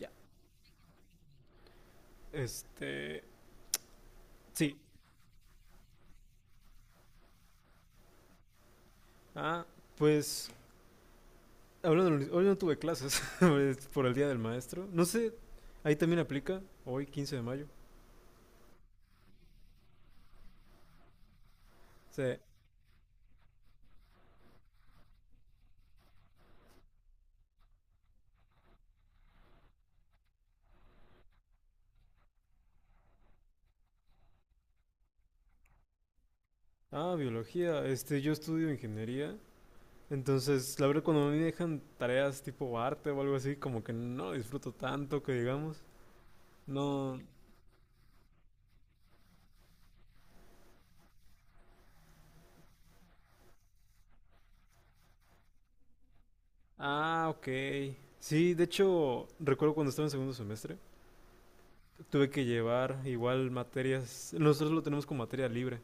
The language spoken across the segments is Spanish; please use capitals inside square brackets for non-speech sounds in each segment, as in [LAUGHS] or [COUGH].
Ya. Este. Sí. Ah, pues. Hablando, hoy no tuve clases [LAUGHS] es por el día del maestro. No sé, ahí también aplica, hoy 15 de mayo. O sea, ah, biología. Yo estudio ingeniería. Entonces, la verdad, cuando a mí me dejan tareas tipo arte o algo así, como que no disfruto tanto que digamos. No. Ah, ok. Sí, de hecho, recuerdo cuando estaba en segundo semestre, tuve que llevar igual materias. Nosotros lo tenemos con materia libre.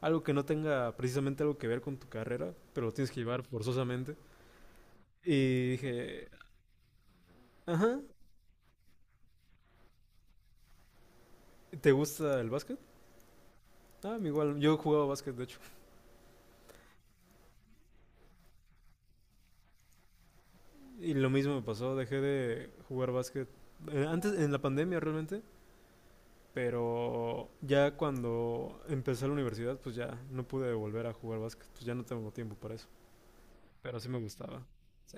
Algo que no tenga precisamente algo que ver con tu carrera, pero lo tienes que llevar forzosamente. Y dije, ajá, ¿te gusta el básquet? Ah, igual, yo jugaba básquet, de hecho. Y lo mismo me pasó, dejé de jugar básquet antes, en la pandemia realmente, pero ya cuando empecé la universidad, pues ya no pude volver a jugar básquet, pues ya no tengo tiempo para eso. Pero sí me gustaba. Sí,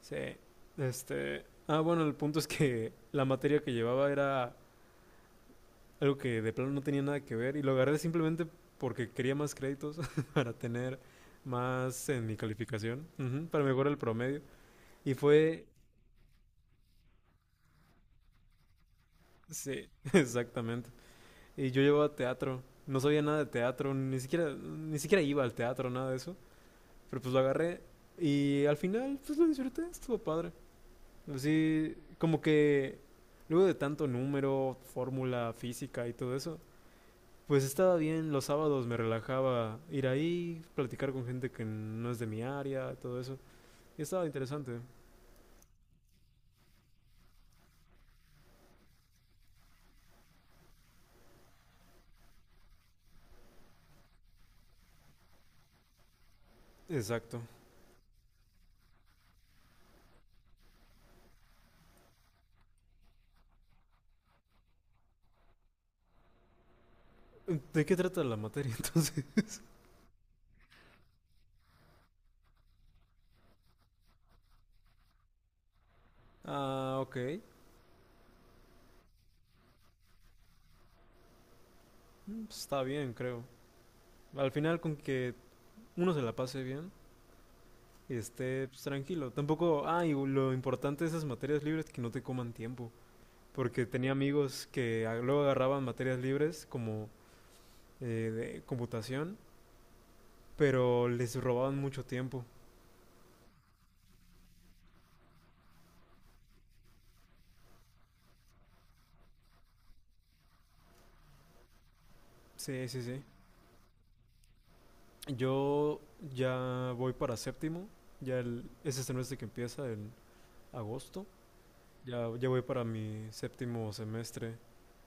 sí. Bueno, el punto es que la materia que llevaba era algo que de plano no tenía nada que ver y lo agarré simplemente porque quería más créditos [LAUGHS] para tener más en mi calificación, ujú, para mejorar el promedio. Y fue, sí, [LAUGHS] exactamente. Y yo llevaba teatro, no sabía nada de teatro, ni siquiera, ni siquiera iba al teatro, nada de eso. Pero pues lo agarré y al final pues lo disfruté, estuvo padre. Así como que luego de tanto número, fórmula, física y todo eso, pues estaba bien, los sábados me relajaba ir ahí, platicar con gente que no es de mi área, todo eso. Y estaba interesante. Exacto. ¿De qué trata la materia [LAUGHS] entonces? Ah, ok. Mm, pues, está bien, creo. Al final con que uno se la pase bien y esté pues, tranquilo. Tampoco, ah, y lo importante de esas materias libres es que no te coman tiempo. Porque tenía amigos que luego agarraban materias libres como de computación, pero les robaban mucho tiempo. Sí, sí, sí. Yo ya voy para séptimo, ya el, es este semestre que empieza en agosto, ya, ya voy para mi séptimo semestre,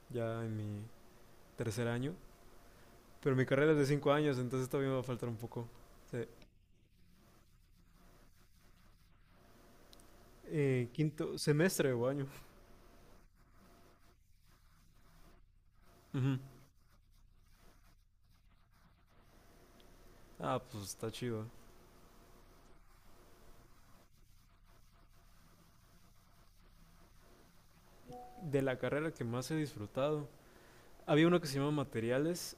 ya en mi tercer año, pero mi carrera es de 5 años, entonces todavía me va a faltar un poco. Se- quinto semestre o año. Ujú. Ah, pues está chido. De la carrera que más he disfrutado, había uno que se llama materiales,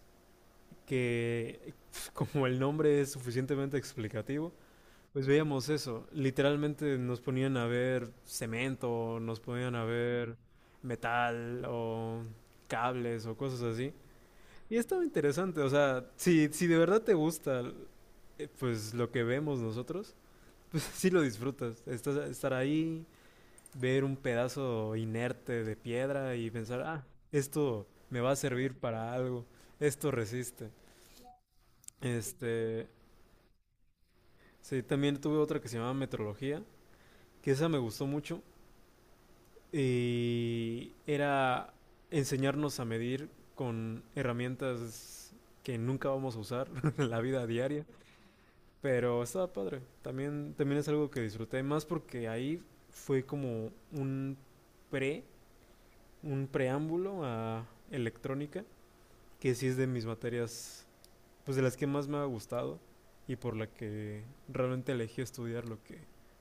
que [LAUGHS] como el nombre es suficientemente explicativo, pues veíamos eso. Literalmente nos ponían a ver cemento, nos ponían a ver metal o cables o cosas así. Y estaba interesante, o sea, si de verdad te gusta, pues lo que vemos nosotros, [LAUGHS] pues sí lo disfrutas. Estar ahí, ver un pedazo inerte de piedra y pensar, ah, esto me va a servir para algo, esto resiste. Este, sí, también tuve otra que se llamaba metrología, que esa me gustó mucho y era enseñarnos a medir con herramientas que nunca vamos a usar [LAUGHS] en la vida diaria, pero estaba padre. También es algo que disfruté más porque ahí fue como un pre, un preámbulo a electrónica, que sí es de mis materias, pues de las que más me ha gustado y por la que realmente elegí estudiar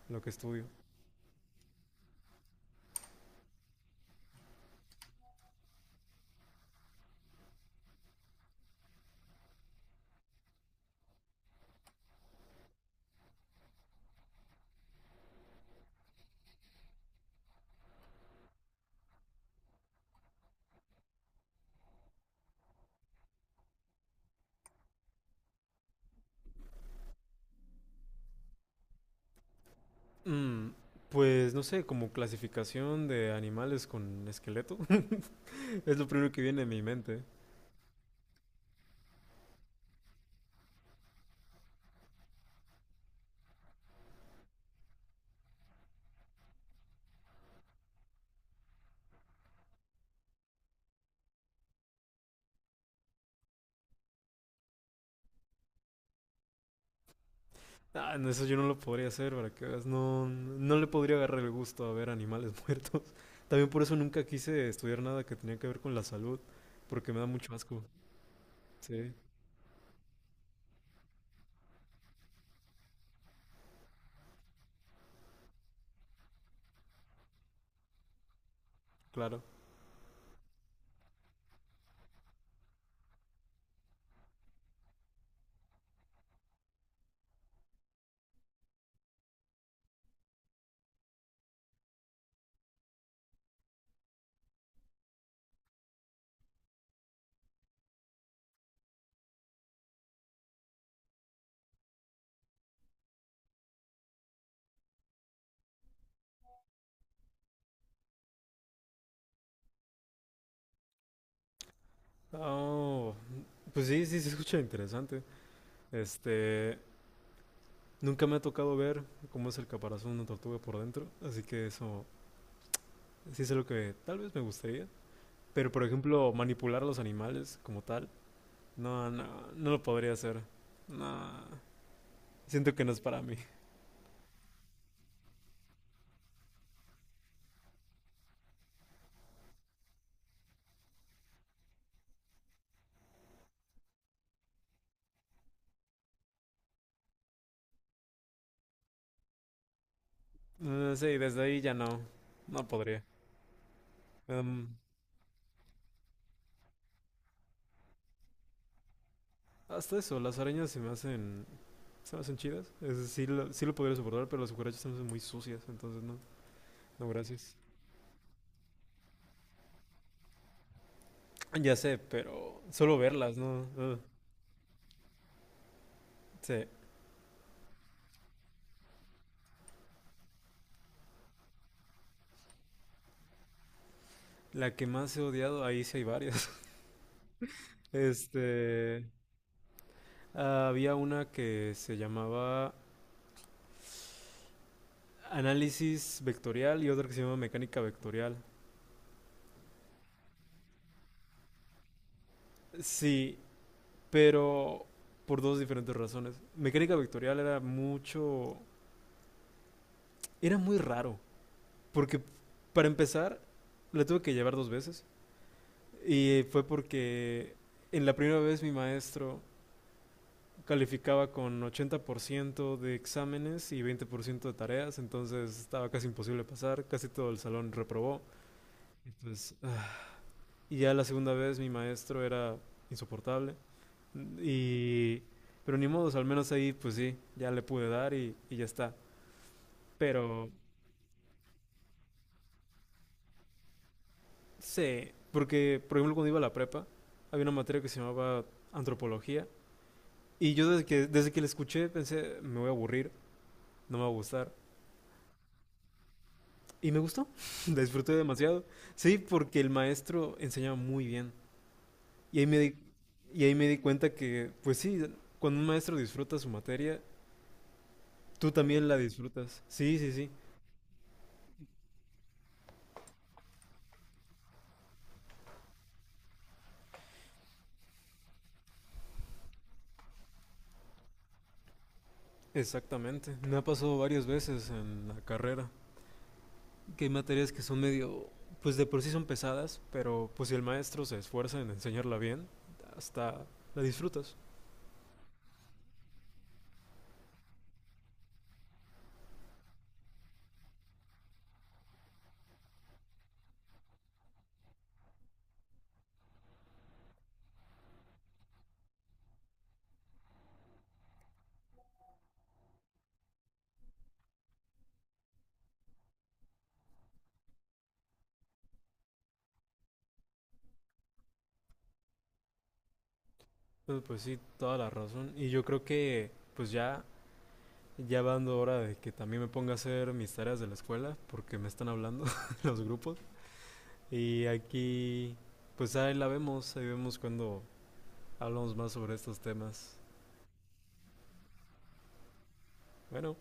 lo que estudio. Mm, pues no sé, como clasificación de animales con esqueleto. [LAUGHS] Es lo primero que viene a mi mente. Ah, no, eso yo no lo podría hacer, para que veas. No, no le podría agarrar el gusto a ver animales [LAUGHS] muertos. También por eso nunca quise estudiar nada que tenía que ver con la salud, porque me da mucho asco. Sí, claro. Oh, pues sí, sí, se escucha interesante. Este, nunca me ha tocado ver cómo es el caparazón de una tortuga por dentro, así que eso sí es lo que tal vez me gustaría. Pero, por ejemplo, manipular a los animales como tal, no, no, no lo podría hacer. No, siento que no es para mí. Sí, desde ahí ya no, no podría. Em, hasta eso, las arañas se me hacen chidas. Es, decir, sí lo podría soportar, pero las cucarachas se me hacen muy sucias, entonces no, no, gracias. Ya sé, pero solo verlas, ¿no? Ugh. Sí, la que más he odiado, ahí sí hay varias. [LAUGHS] Este, había una que se llamaba análisis vectorial y otra que se llama mecánica vectorial. Sí, pero por dos diferentes razones. Mecánica vectorial era mucho... Era muy raro, porque para empezar, la tuve que llevar dos veces. Y fue porque en la primera vez mi maestro calificaba con 80% de exámenes y 20% de tareas, entonces estaba casi imposible pasar, casi todo el salón reprobó. Entonces, ah. Y ya la segunda vez mi maestro era insoportable. Y, pero ni modos, al menos ahí pues sí, ya le pude dar y ya está. Pero sí, porque por ejemplo cuando iba a la prepa, había una materia que se llamaba antropología. Y yo desde que la escuché pensé, me voy a aburrir, no me va a gustar. Y me gustó, [LAUGHS] la disfruté demasiado. Sí, porque el maestro enseñaba muy bien. Y ahí me di, y ahí me di cuenta que, pues sí, cuando un maestro disfruta su materia, tú también la disfrutas. Sí, sí, sí. Exactamente, me ha pasado varias veces en la carrera, que hay materias que son medio, pues de por sí son pesadas, pero pues si el maestro se esfuerza en enseñarla bien, hasta la disfrutas. Pues, pues sí, toda la razón. Y yo creo que pues ya, ya va dando hora de que también me ponga a hacer mis tareas de la escuela, porque me están hablando [LAUGHS] los grupos. Y aquí, pues ahí la vemos, ahí vemos cuando hablamos más sobre estos temas. Bueno,